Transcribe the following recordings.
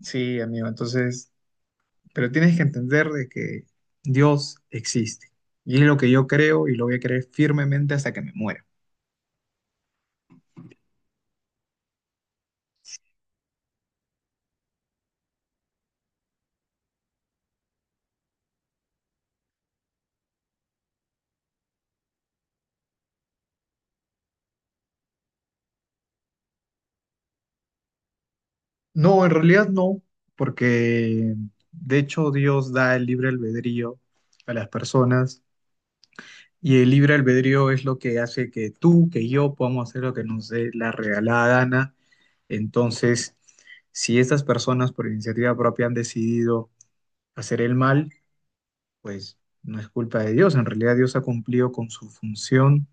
Sí, amigo, entonces, pero tienes que entender de que Dios existe. Y es lo que yo creo y lo voy a creer firmemente hasta que me muera. No, en realidad no, porque de hecho Dios da el libre albedrío a las personas y el libre albedrío es lo que hace que tú, que yo podamos hacer lo que nos dé la regalada gana. Entonces, si estas personas por iniciativa propia han decidido hacer el mal, pues no es culpa de Dios. En realidad Dios ha cumplido con su función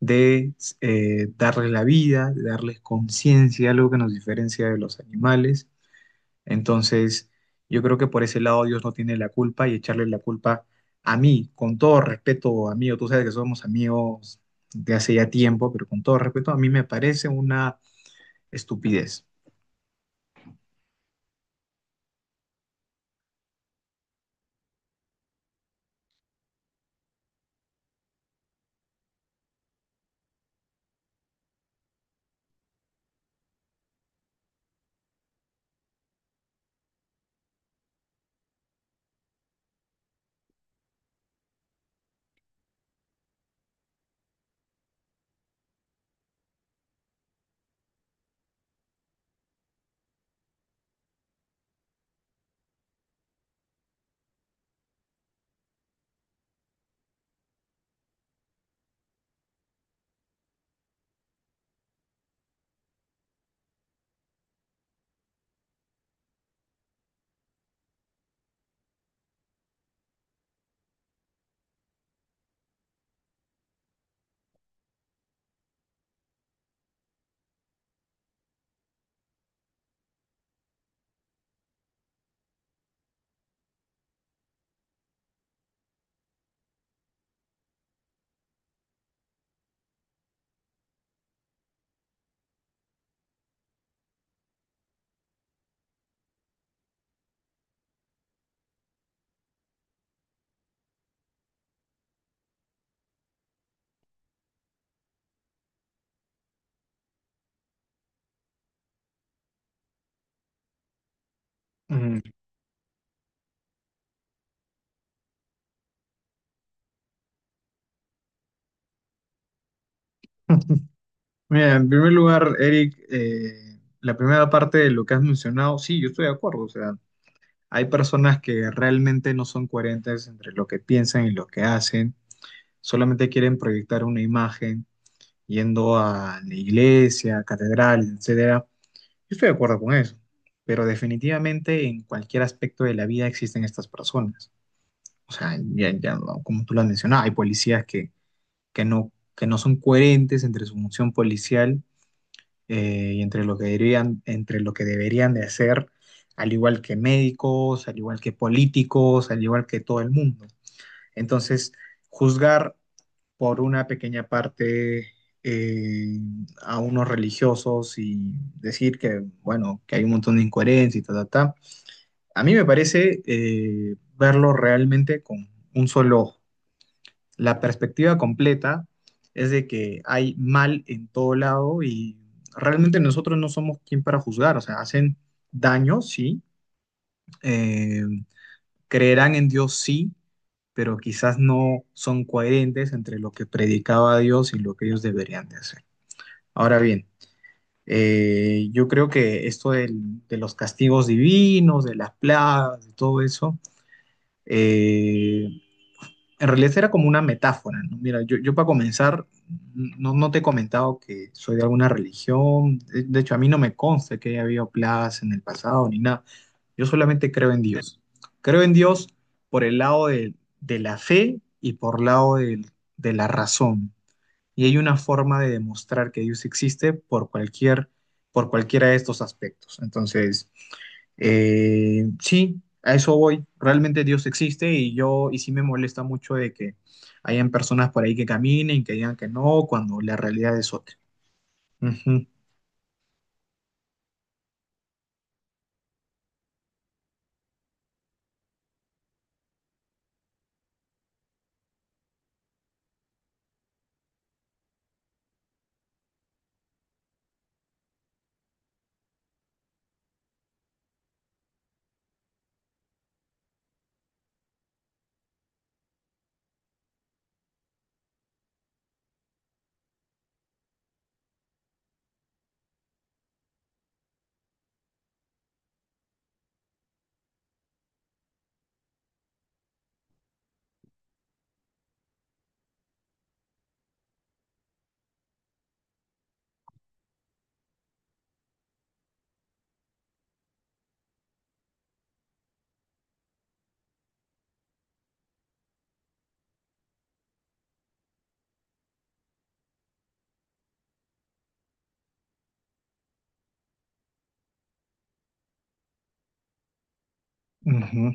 de darles la vida, de darles conciencia, algo que nos diferencia de los animales. Entonces, yo creo que por ese lado Dios no tiene la culpa y echarle la culpa a mí, con todo respeto, amigo, tú sabes que somos amigos de hace ya tiempo, pero con todo respeto, a mí me parece una estupidez. Mm. Mira, en primer lugar, Eric, la primera parte de lo que has mencionado, sí, yo estoy de acuerdo, o sea, hay personas que realmente no son coherentes entre lo que piensan y lo que hacen, solamente quieren proyectar una imagen yendo a la iglesia, catedrales, etcétera. Yo estoy de acuerdo con eso, pero definitivamente en cualquier aspecto de la vida existen estas personas. O sea, ya, ya, no, como tú lo has mencionado, hay policías que, que no son coherentes entre su función policial y entre lo que deberían, entre lo que deberían de hacer, al igual que médicos, al igual que políticos, al igual que todo el mundo. Entonces, juzgar por una pequeña parte eh, a unos religiosos y decir que, bueno, que hay un montón de incoherencia y ta, ta, ta, a mí me parece verlo realmente con un solo ojo. La perspectiva completa es de que hay mal en todo lado y realmente nosotros no somos quien para juzgar, o sea, hacen daño, sí, eh, creerán en Dios, sí, pero quizás no son coherentes entre lo que predicaba Dios y lo que ellos deberían de hacer. Ahora bien, yo creo que esto de los castigos divinos, de las plagas, de todo eso, eh, en realidad era como una metáfora, ¿no? Mira, yo para comenzar, no, no te he comentado que soy de alguna religión, de hecho a mí no me consta que haya habido plagas en el pasado ni nada, yo solamente creo en Dios. Creo en Dios por el lado de la fe y por el lado de la razón. Y hay una forma de demostrar que Dios existe por cualquier, por cualquiera de estos aspectos. Entonces, sí, a eso voy. Realmente Dios existe y yo, y sí me molesta mucho de que hayan personas por ahí que caminen, que digan que no, cuando la realidad es otra. Ujú, ujú.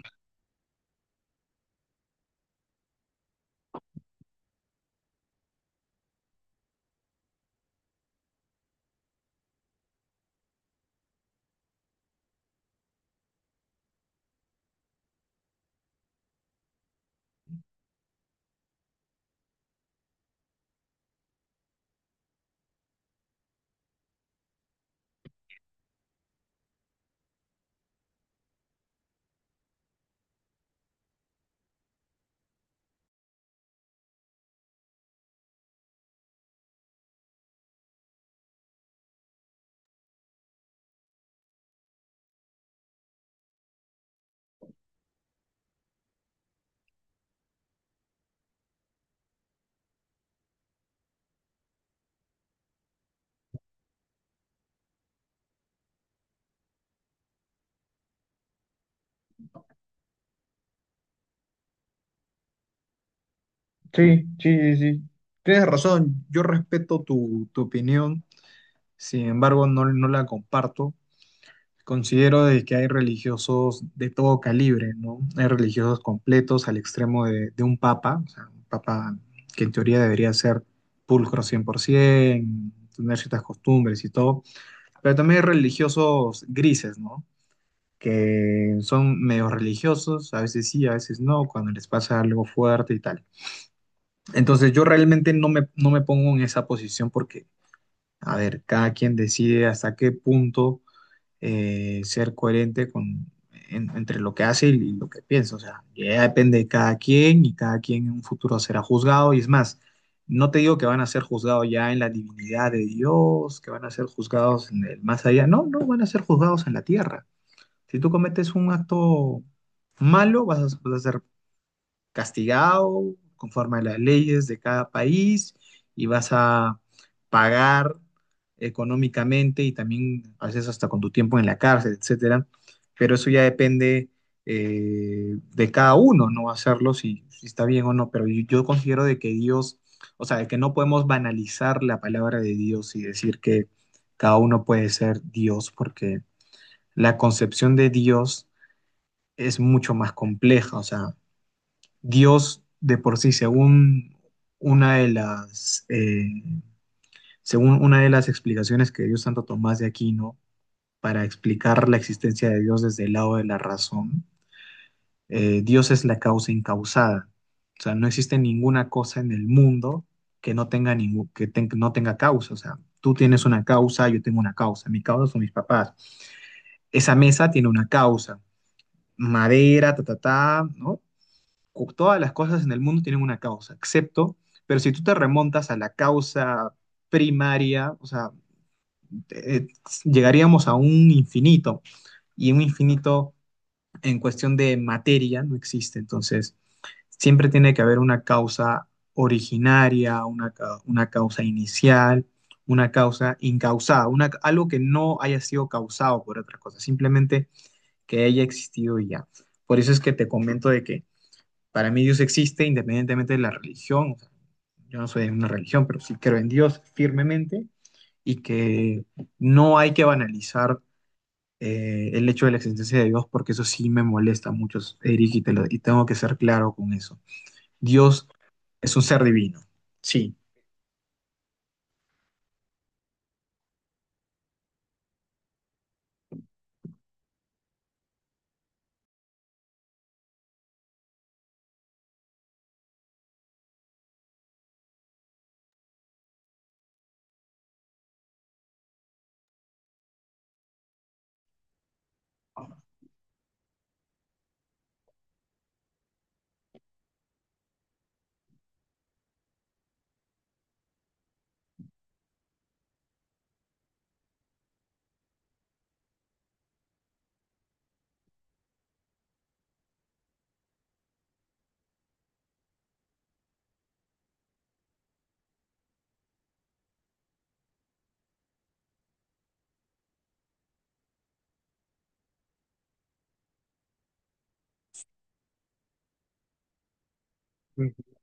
Sí, sí, sí, sí. Tienes razón, yo respeto tu opinión, sin embargo no, no la comparto. Considero de que hay religiosos de todo calibre, ¿no? Hay religiosos completos al extremo de un papa, o sea, un papa que en teoría debería ser pulcro 100%, tener ciertas costumbres y todo, pero también hay religiosos grises, ¿no? Que son medio religiosos, a veces sí, a veces no, cuando les pasa algo fuerte y tal. Entonces yo realmente no me, no me pongo en esa posición porque, a ver, cada quien decide hasta qué punto ser coherente con, entre lo que hace y, lo que piensa. O sea, ya depende de cada quien y cada quien en un futuro será juzgado. Y es más, no te digo que van a ser juzgados ya en la divinidad de Dios, que van a ser juzgados en el más allá. No, no van a ser juzgados en la tierra. Si tú cometes un acto malo, vas a ser castigado conforme a las leyes de cada país y vas a pagar económicamente y también a veces hasta con tu tiempo en la cárcel, etcétera. Pero eso ya depende de cada uno, no hacerlo si, si está bien o no. Pero yo considero de que Dios, o sea, de que no podemos banalizar la palabra de Dios y decir que cada uno puede ser Dios, porque la concepción de Dios es mucho más compleja, o sea, Dios de por sí, según una de las, según una de las explicaciones que dio Santo Tomás de Aquino para explicar la existencia de Dios desde el lado de la razón, Dios es la causa incausada. O sea, no existe ninguna cosa en el mundo que no tenga, ningún, no tenga causa. O sea, tú tienes una causa, yo tengo una causa. Mi causa son mis papás. Esa mesa tiene una causa. Madera, ta, ta, ta, ¿no? Todas las cosas en el mundo tienen una causa, excepto, pero si tú te remontas a la causa primaria, o sea, eh, llegaríamos a un infinito y un infinito en cuestión de materia no existe. Entonces, siempre tiene que haber una causa originaria, una, una causa inicial, una causa incausada, una, algo que no haya sido causado por otra cosa, simplemente que haya existido y ya. Por eso es que te comento de que para mí Dios existe independientemente de la religión. O sea, yo no soy de una religión, pero sí creo en Dios firmemente y que no hay que banalizar el hecho de la existencia de Dios porque eso sí me molesta mucho, Eric, y tengo que ser claro con eso. Dios es un ser divino, sí. Ujú.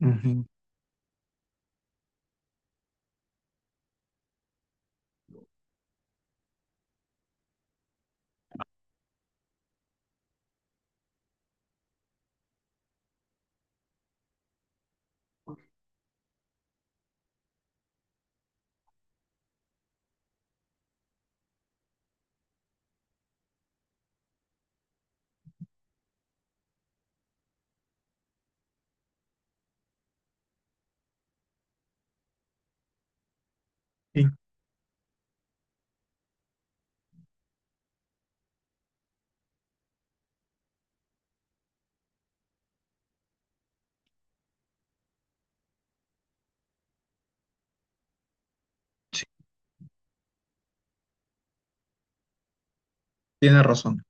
Ujú, sí, sí, tienes razón.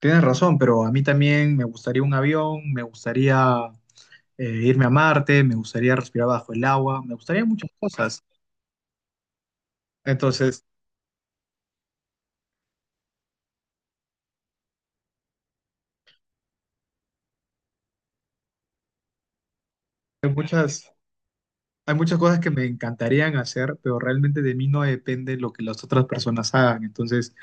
Tienes razón, pero a mí también me gustaría un avión, me gustaría irme a Marte, me gustaría respirar bajo el agua, me gustaría muchas cosas. Entonces, Hay muchas, hay muchas cosas que me encantarían hacer, pero realmente de mí no depende lo que las otras personas hagan. Entonces,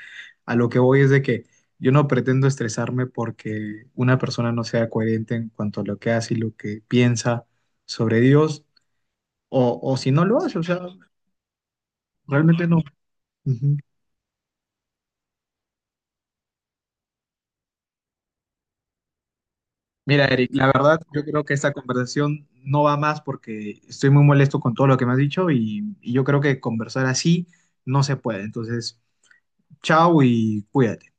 a lo que voy es de que yo no pretendo estresarme porque una persona no sea coherente en cuanto a lo que hace y lo que piensa sobre Dios, o si no lo hace, o sea, realmente no. Ujú. Mira, Eric, la verdad, yo creo que esta conversación no va más porque estoy muy molesto con todo lo que me has dicho y yo creo que conversar así no se puede. Entonces, chao y cuídate.